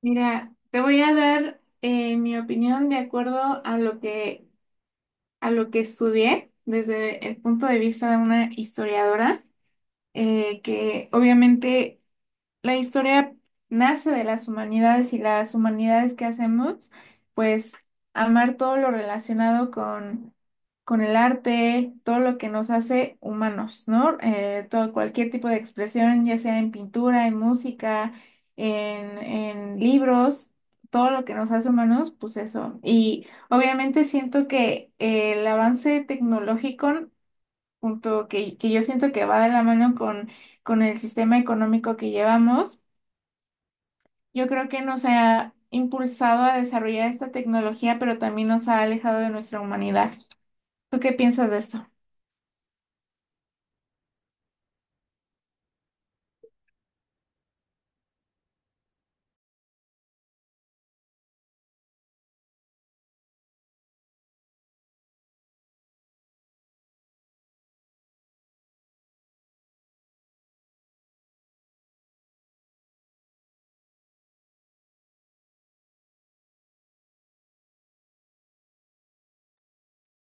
Mira, te voy a dar mi opinión de acuerdo a lo que estudié desde el punto de vista de una historiadora, que obviamente la historia nace de las humanidades y las humanidades que hacemos, pues amar todo lo relacionado con el arte, todo lo que nos hace humanos, ¿no? Todo, cualquier tipo de expresión, ya sea en pintura, en música, en libros, todo lo que nos hace humanos, pues eso. Y obviamente siento que el avance tecnológico, junto que yo siento que va de la mano con el sistema económico que llevamos, yo creo que nos ha impulsado a desarrollar esta tecnología, pero también nos ha alejado de nuestra humanidad. ¿Tú qué piensas de esto?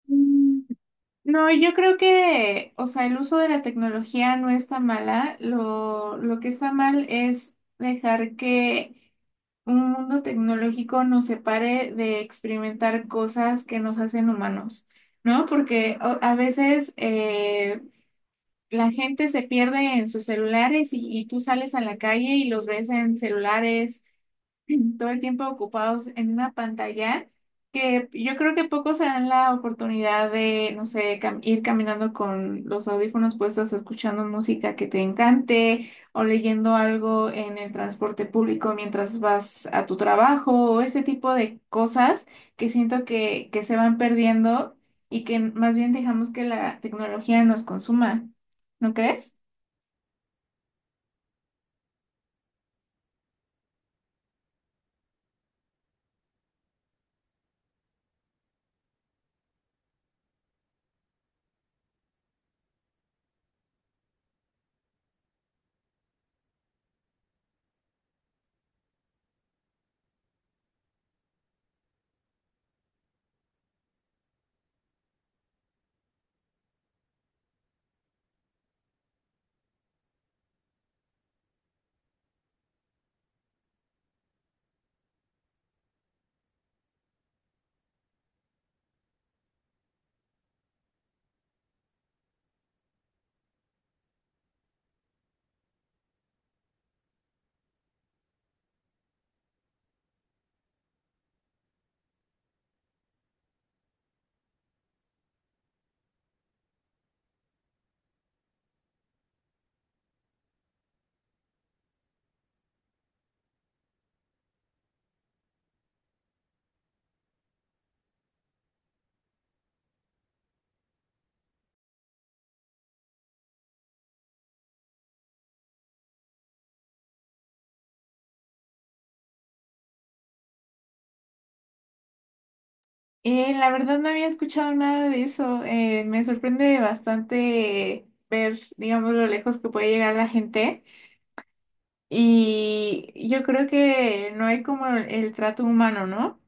Mm, no, yo creo que, o sea, el uso de la tecnología no está mala. Lo que está mal es dejar que un mundo tecnológico nos separe de experimentar cosas que nos hacen humanos, ¿no? Porque a veces, la gente se pierde en sus celulares y tú sales a la calle y los ves en celulares, todo el tiempo ocupados en una pantalla que yo creo que pocos se dan la oportunidad de, no sé, ir caminando con los audífonos puestos, escuchando música que te encante o leyendo algo en el transporte público mientras vas a tu trabajo o ese tipo de cosas que siento que se van perdiendo y que más bien dejamos que la tecnología nos consuma, ¿no crees? La verdad no había escuchado nada de eso. Me sorprende bastante ver, digamos, lo lejos que puede llegar la gente. Y yo creo que no hay como el trato humano, ¿no?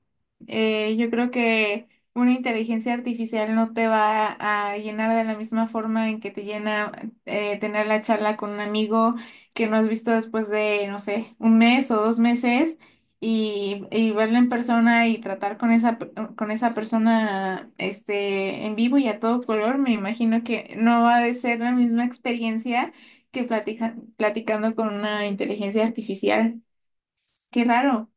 Yo creo que una inteligencia artificial no te va a llenar de la misma forma en que te llena tener la charla con un amigo que no has visto después de, no sé, un mes o dos meses y verlo en persona y tratar con esa, con esa persona este, en vivo y a todo color. Me imagino que no va a ser la misma experiencia que platicando con una inteligencia artificial. Qué raro.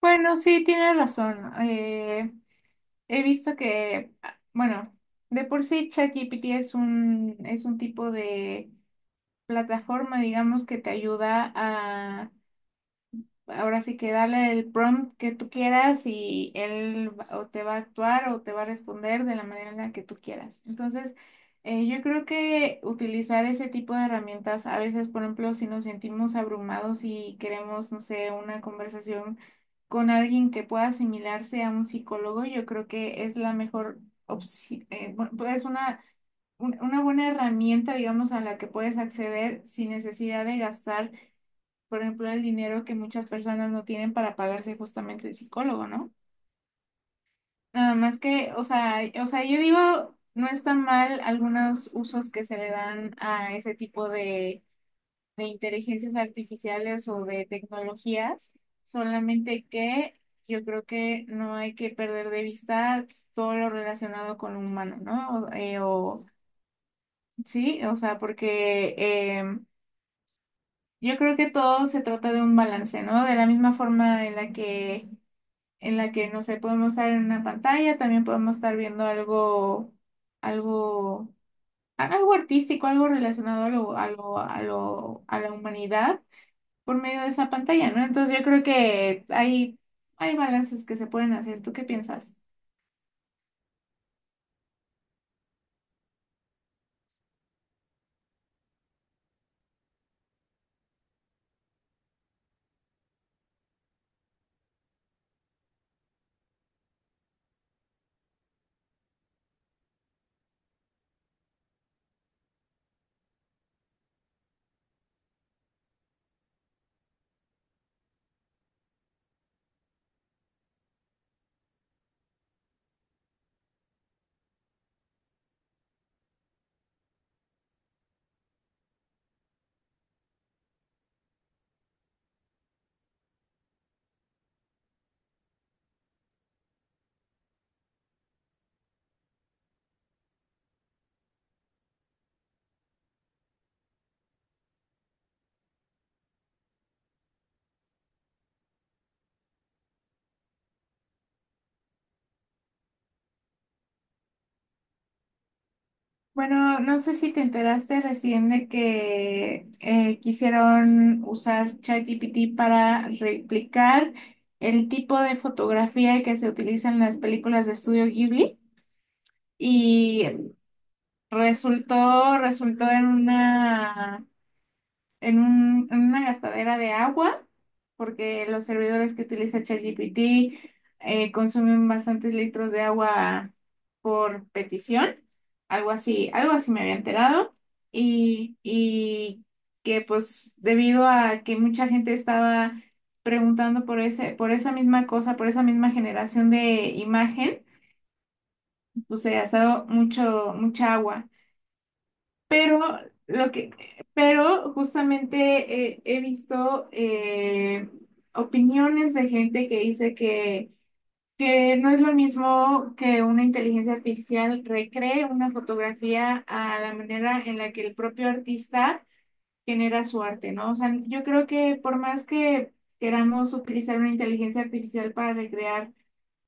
Bueno, sí, tienes razón. He visto que, ah, bueno, de por sí ChatGPT es un tipo de plataforma, digamos, que te ayuda ahora sí que dale el prompt que tú quieras y o te va a actuar o te va a responder de la manera en la que tú quieras. Entonces, yo creo que utilizar ese tipo de herramientas, a veces, por ejemplo, si nos sentimos abrumados y queremos, no sé, una conversación con alguien que pueda asimilarse a un psicólogo, yo creo que es la mejor opción, es una, una buena herramienta, digamos, a la que puedes acceder sin necesidad de gastar por ejemplo, el dinero que muchas personas no tienen para pagarse justamente el psicólogo, ¿no? Nada más que, yo digo, no está mal algunos usos que se le dan a ese tipo de inteligencias artificiales o de tecnologías, solamente que yo creo que no hay que perder de vista todo lo relacionado con lo humano, ¿no? O, sí, o sea, porque em, yo creo que todo se trata de un balance, ¿no? De la misma forma en la que no sé, podemos estar en una pantalla, también podemos estar viendo algo, algo, algo artístico, algo relacionado a a la humanidad por medio de esa pantalla, ¿no? Entonces yo creo que hay balances que se pueden hacer. ¿Tú qué piensas? Bueno, no sé si te enteraste recién de que quisieron usar ChatGPT para replicar el tipo de fotografía que se utiliza en las películas de estudio Ghibli. Y resultó en una, en una gastadera de agua, porque los servidores que utiliza ChatGPT consumen bastantes litros de agua por petición, algo así me había enterado, y que pues debido a que mucha gente estaba preguntando por por esa misma cosa, por esa misma generación de imagen, pues se gastó mucha agua. Pero lo que, pero justamente he visto opiniones de gente que dice que no es lo mismo que una inteligencia artificial recree una fotografía a la manera en la que el propio artista genera su arte, ¿no? O sea, yo creo que por más que queramos utilizar una inteligencia artificial para recrear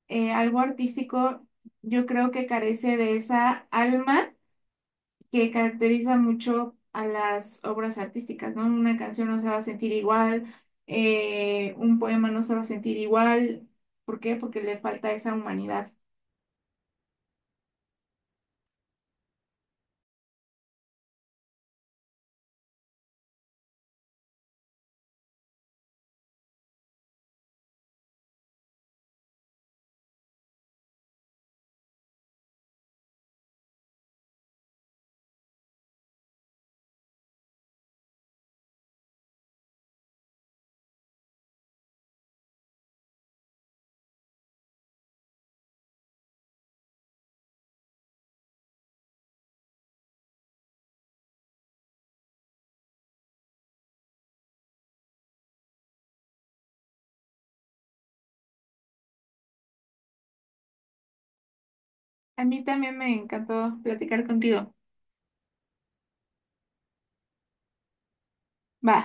algo artístico, yo creo que carece de esa alma que caracteriza mucho a las obras artísticas, ¿no? Una canción no se va a sentir igual, un poema no se va a sentir igual. ¿Por qué? Porque le falta esa humanidad. A mí también me encantó platicar contigo. Va.